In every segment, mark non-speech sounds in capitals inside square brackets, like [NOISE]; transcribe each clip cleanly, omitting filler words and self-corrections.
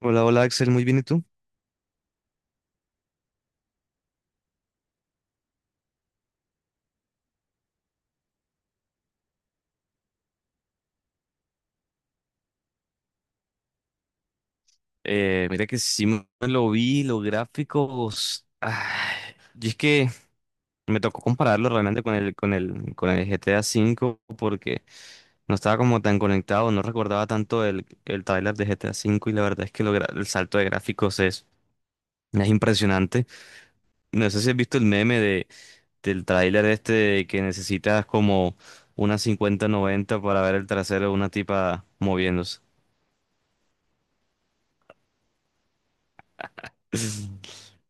Hola, hola Axel, muy bien, ¿y tú? Mira que sí me lo vi, los gráficos. Ay, y es que me tocó compararlo realmente con el GTA V, porque no estaba como tan conectado, no recordaba tanto el tráiler de GTA V, y la verdad es que el salto de gráficos es impresionante. No sé si has visto el meme del tráiler este de que necesitas como una 5090 para ver el trasero de una tipa moviéndose. [LAUGHS]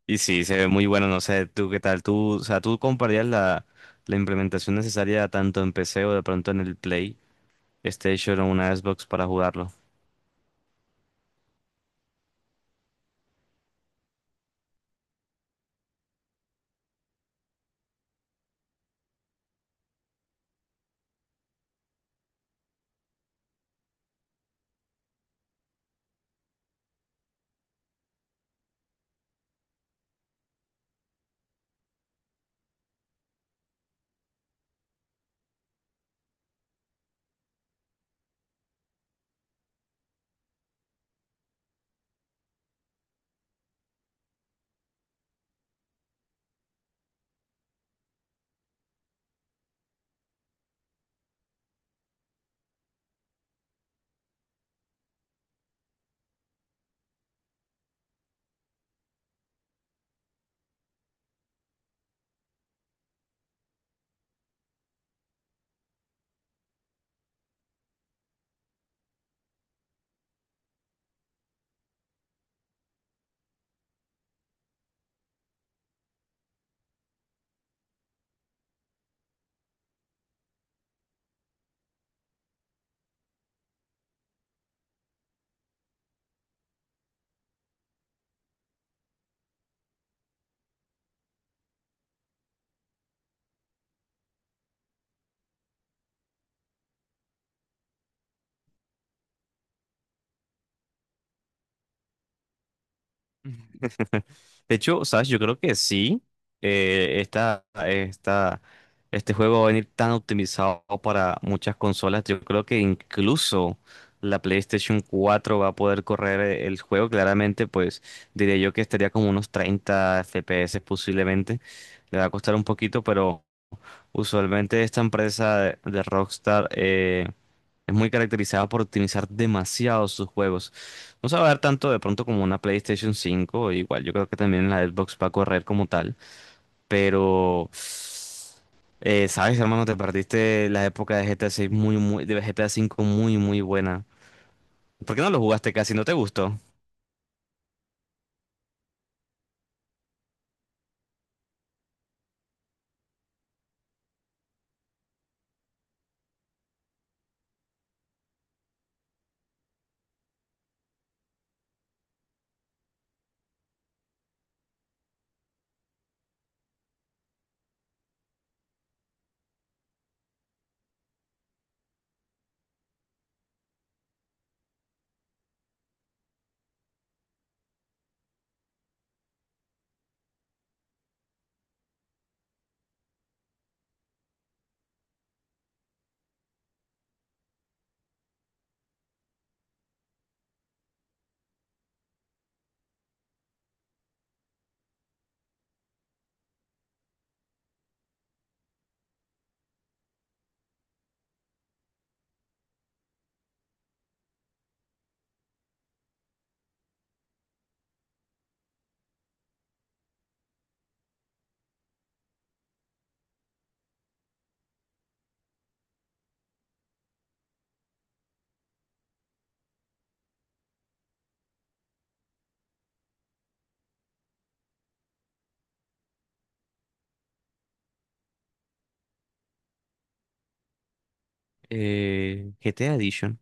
Y sí, se ve muy bueno, no sé, tú qué tal, tú, o sea, tú comprarías la implementación necesaria tanto en PC o de pronto en PlayStation o una Xbox para jugarlo. [LAUGHS] De hecho, sabes, yo creo que sí. eh, esta, esta, este juego va a venir tan optimizado para muchas consolas. Yo creo que incluso la PlayStation 4 va a poder correr el juego. Claramente, pues diría yo que estaría como unos 30 FPS posiblemente. Le va a costar un poquito, pero usualmente esta empresa de Rockstar, es muy caracterizada por optimizar demasiado sus juegos. No se va a ver tanto de pronto como una PlayStation 5, igual yo creo que también la Xbox va a correr como tal. Pero sabes, hermano, te perdiste la época de GTA 5 muy, muy buena. ¿Por qué no lo jugaste casi? ¿No te gustó? GTA Edition.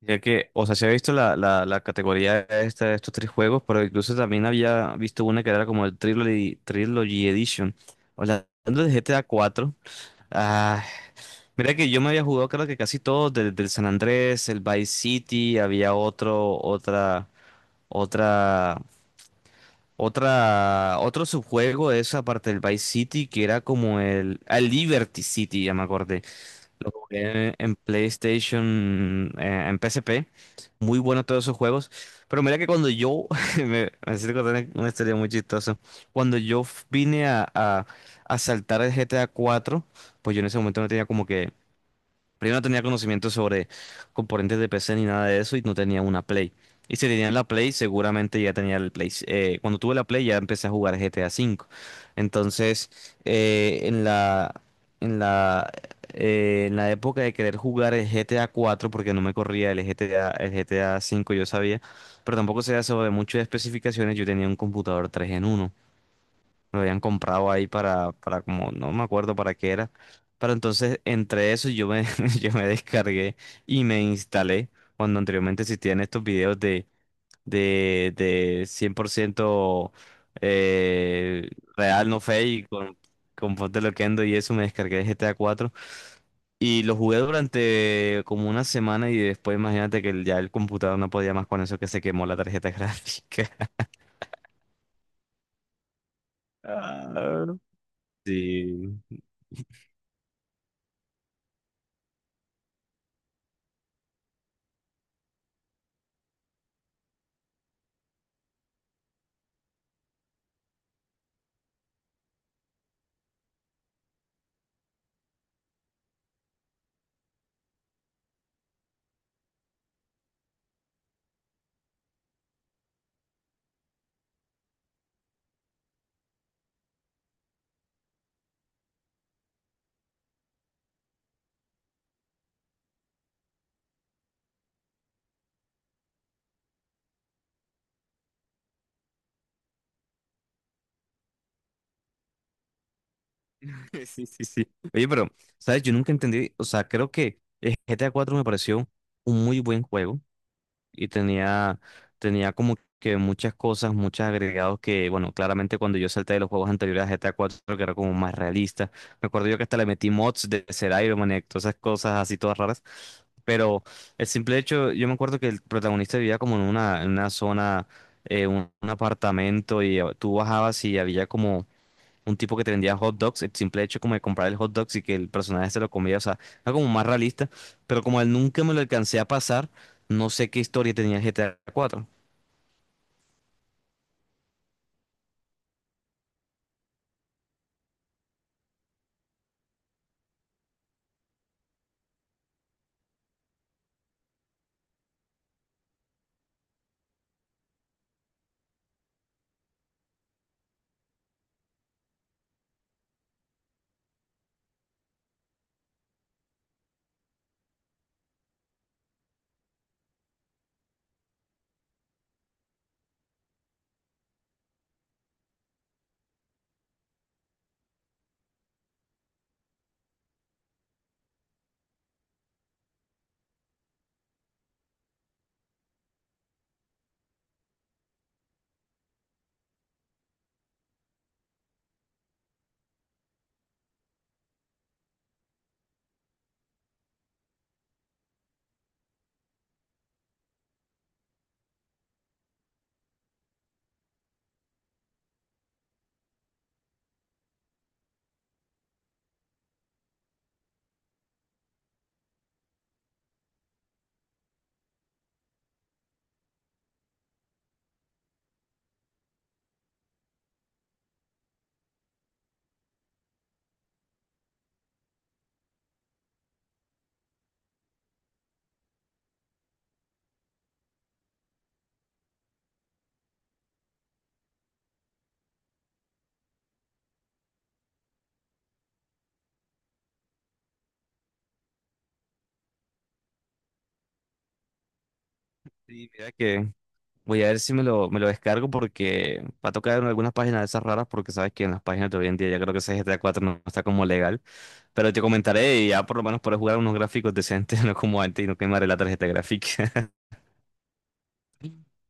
Ya que, o sea, se ha visto la categoría esta de estos tres juegos, pero incluso también había visto una que era como el Trilogy, Trilogy Edition. Hablando de GTA 4, ah, mira que yo me había jugado, creo que casi todos, desde el San Andrés, el Vice City. Había otro, otra, otra, otra, otro subjuego de esa parte del Vice City que era como el, el Liberty City, ya me acordé. Lo jugué en PlayStation, en PSP. Muy bueno todos esos juegos. Pero mira que cuando [LAUGHS] me hiciste contar una historia muy chistosa. Cuando yo vine a saltar el GTA 4, pues yo en ese momento no tenía, como que, primero no tenía conocimiento sobre componentes de PC ni nada de eso, y no tenía una Play. Y si tenía la Play, seguramente ya tenía el Play. Cuando tuve la Play ya empecé a jugar GTA V. Entonces, eh, en la, en la, en la época de querer jugar el GTA 4, porque no me corría el GTA 5, yo sabía, pero tampoco sabía sobre muchas especificaciones. Yo tenía un computador 3 en uno, lo habían comprado ahí para como, no me acuerdo para qué era. Pero entonces, entre eso, [LAUGHS] yo me descargué y me instalé, cuando anteriormente existían estos videos de 100%, eh, real, no fake, con Ponte Loquendo y eso. Me descargué GTA 4 y lo jugué durante como una semana, y después imagínate que ya el computador no podía más con eso, que se quemó la tarjeta gráfica. [LAUGHS] Ah. Sí. [LAUGHS] Sí, sí, sí. Oye, pero, ¿sabes? Yo nunca entendí, o sea, creo que el GTA 4 me pareció un muy buen juego, y tenía como que muchas cosas, muchos agregados que, bueno, claramente cuando yo salté de los juegos anteriores a GTA 4, que era como más realista. Me acuerdo yo que hasta le metí mods de ser Iron Man y todas esas cosas así todas raras. Pero el simple hecho, yo me acuerdo que el protagonista vivía como en una zona, un apartamento, y tú bajabas y había como un tipo que te vendía hot dogs. El simple hecho como de comprar el hot dogs y que el personaje se lo comía, o sea, era como más realista, pero como él nunca me lo alcancé a pasar, no sé qué historia tenía el GTA 4. Sí, mira que voy a ver si me lo descargo, porque va a tocar en algunas páginas de esas raras, porque sabes que en las páginas de hoy en día ya creo que ese GTA 4 no está como legal, pero te comentaré, y ya por lo menos podré jugar unos gráficos decentes. [LAUGHS] No como antes, y no quemaré la tarjeta gráfica. [LAUGHS]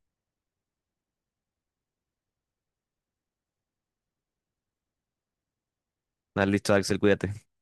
Dale, listo, Axel, cuídate.